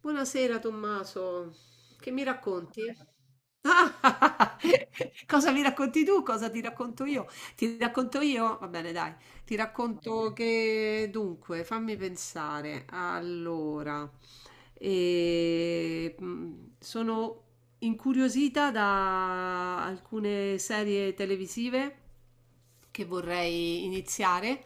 Buonasera Tommaso, che mi racconti? Ah, cosa mi racconti tu? Cosa ti racconto io? Ti racconto io? Va bene, dai. Ti racconto che dunque, fammi pensare. Allora, sono incuriosita da alcune serie televisive che vorrei iniziare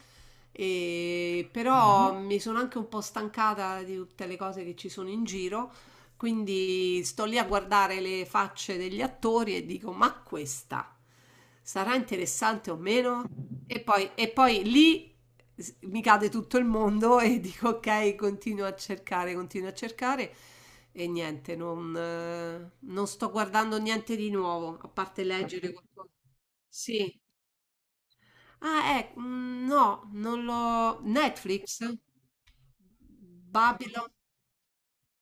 e però mi sono anche un po' stancata di tutte le cose che ci sono in giro, quindi sto lì a guardare le facce degli attori e dico: ma questa sarà interessante o meno? E poi lì mi cade tutto il mondo e dico: ok, continuo a cercare, continuo a cercare. E niente, non sto guardando niente di nuovo, a parte leggere qualcosa. Sì. Ah, no, non l'ho. Netflix? Babylon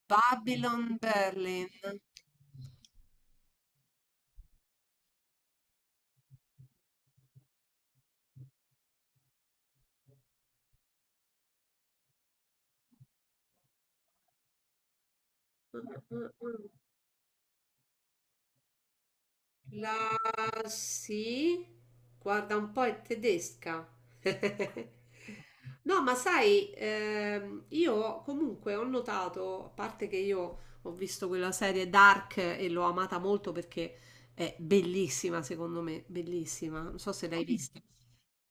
Babylon Berlin. Mh-mh-mh-mh. La sì, guarda un po' è tedesca. No, ma sai, io comunque ho notato, a parte che io ho visto quella serie Dark e l'ho amata molto perché è bellissima, secondo me, bellissima. Non so se l'hai vista.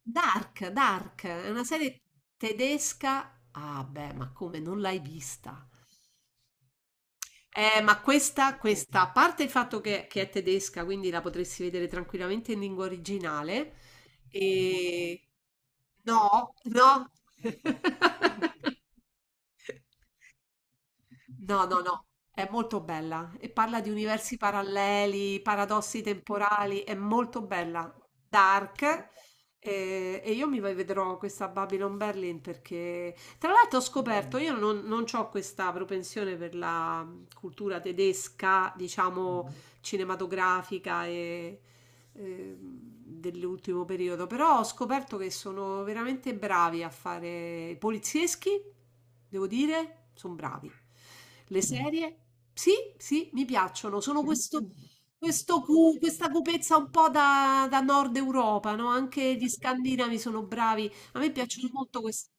Dark, è una serie tedesca. Ah, beh, ma come non l'hai vista? Ma questa, a parte il fatto che è tedesca, quindi la potresti vedere tranquillamente in lingua originale. E... No, no. No, no, no, è molto bella e parla di universi paralleli, paradossi temporali, è molto bella, dark. Eh, e io mi vedrò questa Babylon Berlin perché, tra l'altro, ho scoperto, io non ho questa propensione per la cultura tedesca, diciamo, cinematografica e dell'ultimo periodo, però ho scoperto che sono veramente bravi a fare i polizieschi, devo dire, sono bravi. Le serie, sì, sì, mi piacciono, sono questo, questa cupezza un po' da, da Nord Europa, no? Anche gli scandinavi sono bravi, a me piacciono molto questo.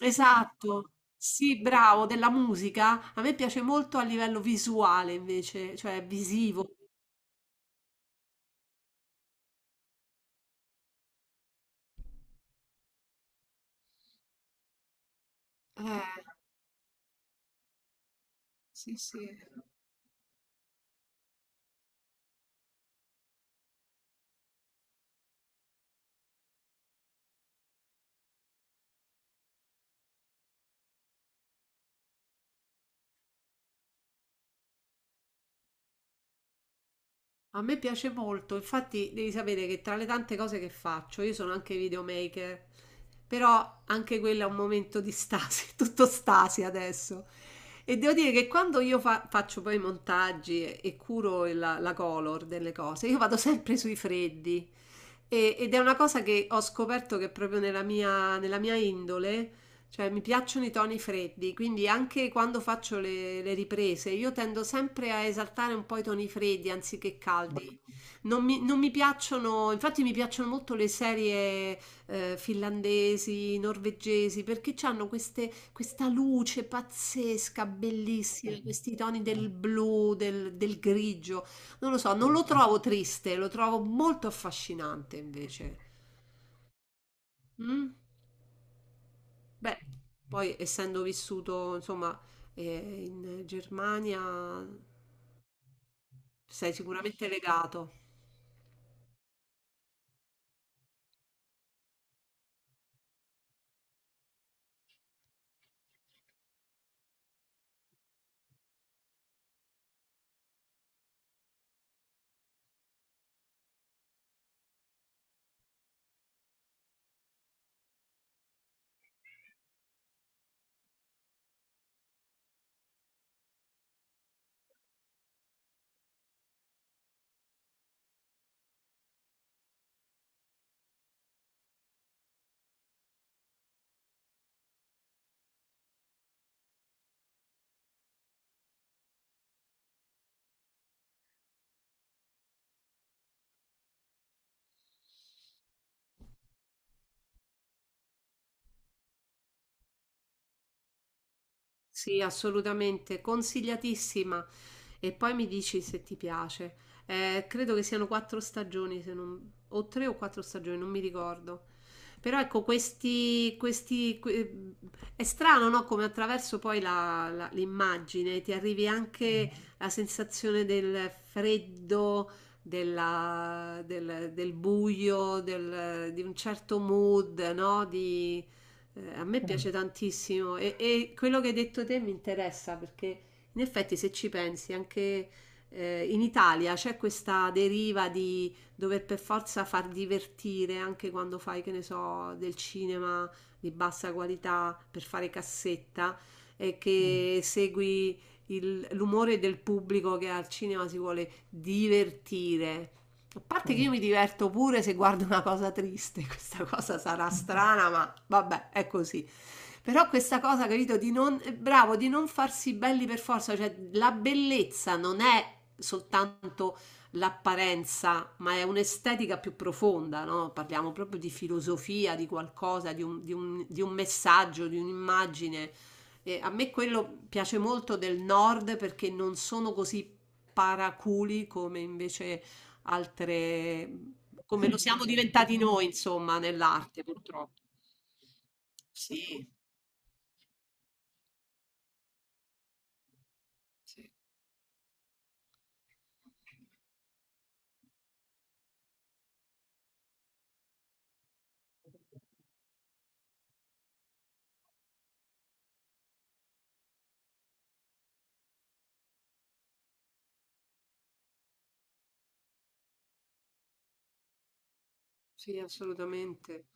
Esatto. Sì, bravo, della musica. A me piace molto a livello visuale invece, cioè visivo. Eh, sì, sì. A me piace molto, infatti devi sapere che tra le tante cose che faccio, io sono anche videomaker, però anche quello è un momento di stasi, tutto stasi adesso. E devo dire che quando faccio poi i montaggi e curo la color delle cose, io vado sempre sui freddi. Ed è una cosa che ho scoperto che è proprio nella nella mia indole, cioè mi piacciono i toni freddi, quindi anche quando faccio le riprese io tendo sempre a esaltare un po' i toni freddi anziché caldi. Non mi piacciono, infatti mi piacciono molto le serie finlandesi, norvegesi, perché hanno queste, questa luce pazzesca, bellissima, questi toni del blu, del grigio. Non lo so, non lo trovo triste, lo trovo molto affascinante invece. Mm? Beh, poi essendo vissuto, insomma, in Germania, sei sicuramente legato. Sì, assolutamente, consigliatissima. E poi mi dici se ti piace. Credo che siano quattro stagioni, se non- o tre o quattro stagioni, non mi ricordo. Però ecco, è strano, no? Come attraverso poi l'immagine ti arrivi anche la sensazione del freddo, del, del buio, di un certo mood, no? A me piace tantissimo e quello che hai detto te mi interessa perché in effetti se ci pensi anche in Italia c'è questa deriva di dover per forza far divertire anche quando fai, che ne so, del cinema di bassa qualità per fare cassetta e che segui l'umore del pubblico che al cinema si vuole divertire. A parte che io mi diverto pure se guardo una cosa triste, questa cosa sarà strana, ma vabbè, è così. Però questa cosa, capito, di non, bravo, di non farsi belli per forza, cioè la bellezza non è soltanto l'apparenza, ma è un'estetica più profonda, no? Parliamo proprio di filosofia, di qualcosa, di di di un messaggio, di un'immagine. E a me quello piace molto del nord perché non sono così paraculi come invece altre come lo siamo diventati noi, insomma, nell'arte, purtroppo. Sì, sì, assolutamente.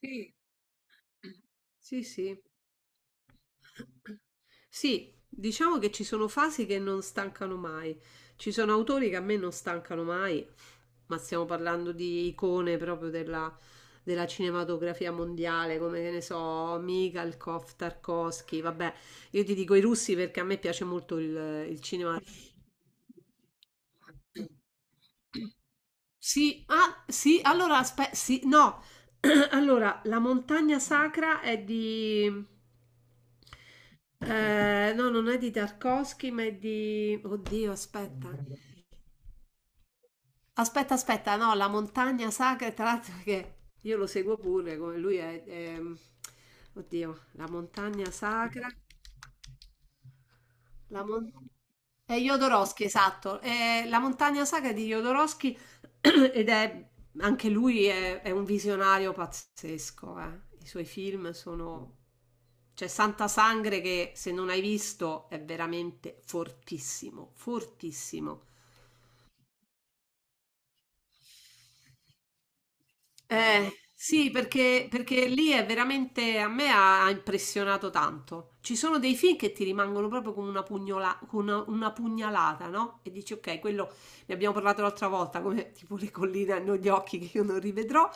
Sì. Sì, sì. Sì, diciamo che ci sono fasi che non stancano mai. Ci sono autori che a me non stancano mai, ma stiamo parlando di icone proprio della cinematografia mondiale, come che ne so, Mikhalkov, Tarkovsky, vabbè, io ti dico i russi perché a me piace molto il cinema sì, ah, sì, allora aspe sì, no. Allora, la montagna sacra è di... no, non è di Tarkovsky, ma è di... Oddio, aspetta. Aspetta, no, la montagna sacra, tra l'altro che io lo seguo pure, come oddio, la montagna sacra. La mon- è Jodorowsky, esatto. È la montagna saga di Jodorowsky ed è anche è un visionario pazzesco. Eh. I suoi film sono. C'è Santa Sangre che se non hai visto è veramente fortissimo, fortissimo. Sì, perché lì è veramente, a me ha impressionato tanto. Ci sono dei film che ti rimangono proprio come con una pugnalata, no? E dici, ok, quello ne abbiamo parlato l'altra volta, come tipo le colline hanno gli occhi che io non rivedrò.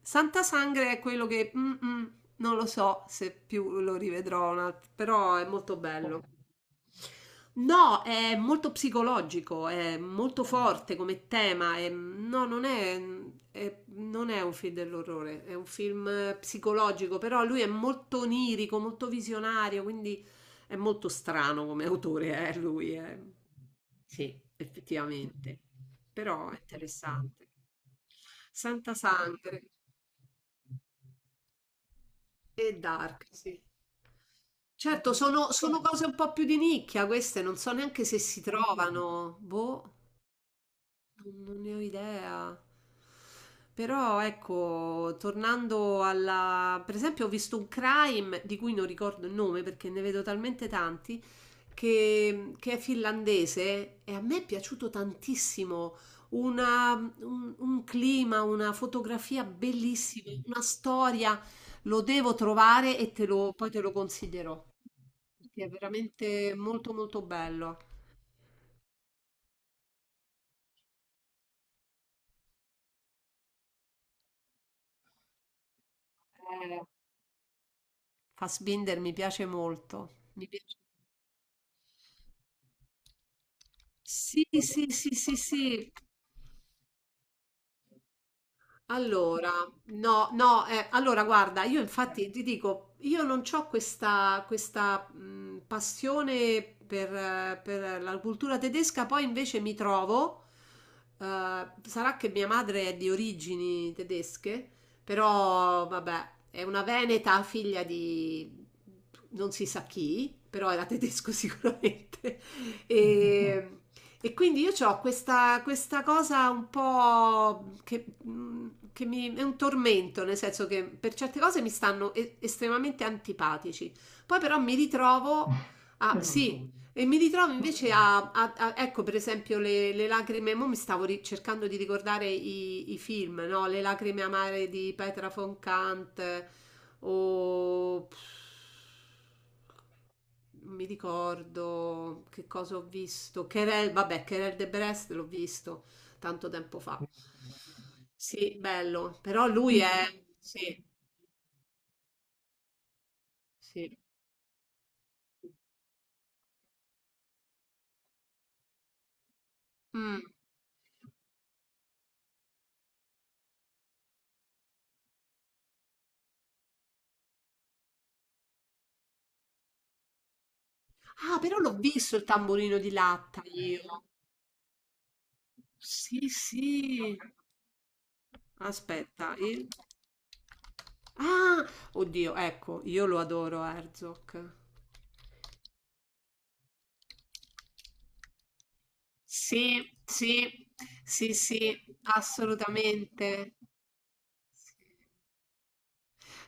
Santa Sangre è quello che, non lo so se più lo rivedrò, però è molto bello. No, è molto psicologico, è molto forte come tema. No, non è un film dell'orrore, è un film psicologico, però lui è molto onirico, molto visionario, quindi è molto strano come autore, sì, effettivamente. Però è interessante. Santa Sangre e Dark, sì. Certo, sono, sono cose un po' più di nicchia queste, non so neanche se si trovano. Boh. Non ne ho idea. Però ecco, tornando alla... per esempio ho visto un crime di cui non ricordo il nome perché ne vedo talmente tanti, che è finlandese e a me è piaciuto tantissimo. Una- un clima, una fotografia bellissima, una storia. Lo devo trovare e poi te lo consiglierò. Perché è veramente molto molto bello. Fassbinder mi piace molto. Sì, sì, sì, sì, sì. Allora, no, no, allora guarda, io infatti ti dico, io non ho passione per la cultura tedesca, poi invece mi trovo, eh, sarà che mia madre è di origini tedesche, però vabbè, è una veneta figlia di non si sa chi, però era tedesco sicuramente. E, e quindi io ho questa, questa cosa un po' che, mm, che mi, è un tormento, nel senso che per certe cose mi stanno estremamente antipatici. Poi però mi ritrovo a, sì, e mi ritrovo invece ecco per esempio le lacrime, mo mi stavo cercando di ricordare i film, no? Le lacrime amare di Petra von Kant, o pff, non mi ricordo che cosa ho visto. Querelle, vabbè, Querelle de Brest l'ho visto tanto tempo fa. Sì, bello, però lui è... sì, sì. Mm. Ah, però l'ho visto il tamburino di latta io. Sì, sì. Aspetta, il... ah, oddio, ecco, io lo adoro Herzog. Sì, sì, sì, sì, assolutamente.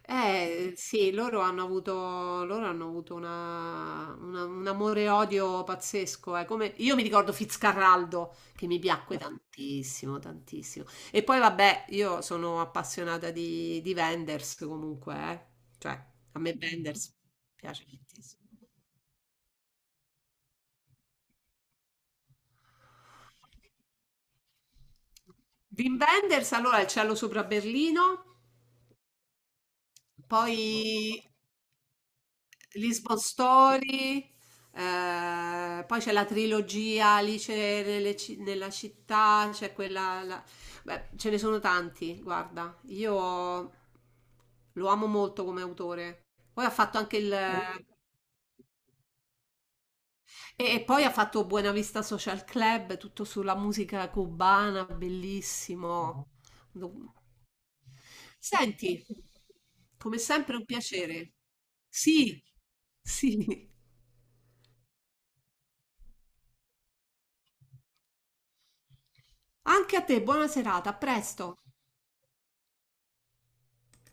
Eh sì, loro hanno avuto un amore e odio pazzesco. Eh. Come- io mi ricordo Fitzcarraldo che mi piacque tantissimo, tantissimo. E poi vabbè, io sono appassionata di Wenders comunque, eh. Cioè, a me Wenders piace tantissimo. Wim Wenders, allora Il cielo sopra Berlino, poi Lisbon Story, poi c'è la trilogia Alice nelle nella città, c'è quella... la- beh, ce ne sono tanti, guarda. Io lo amo molto come autore. Poi ha fatto anche il... e poi ha fatto Buena Vista Social Club, tutto sulla musica cubana, bellissimo. Do- senti, come sempre un piacere. Sì, sì. Anche a te buona serata, a presto!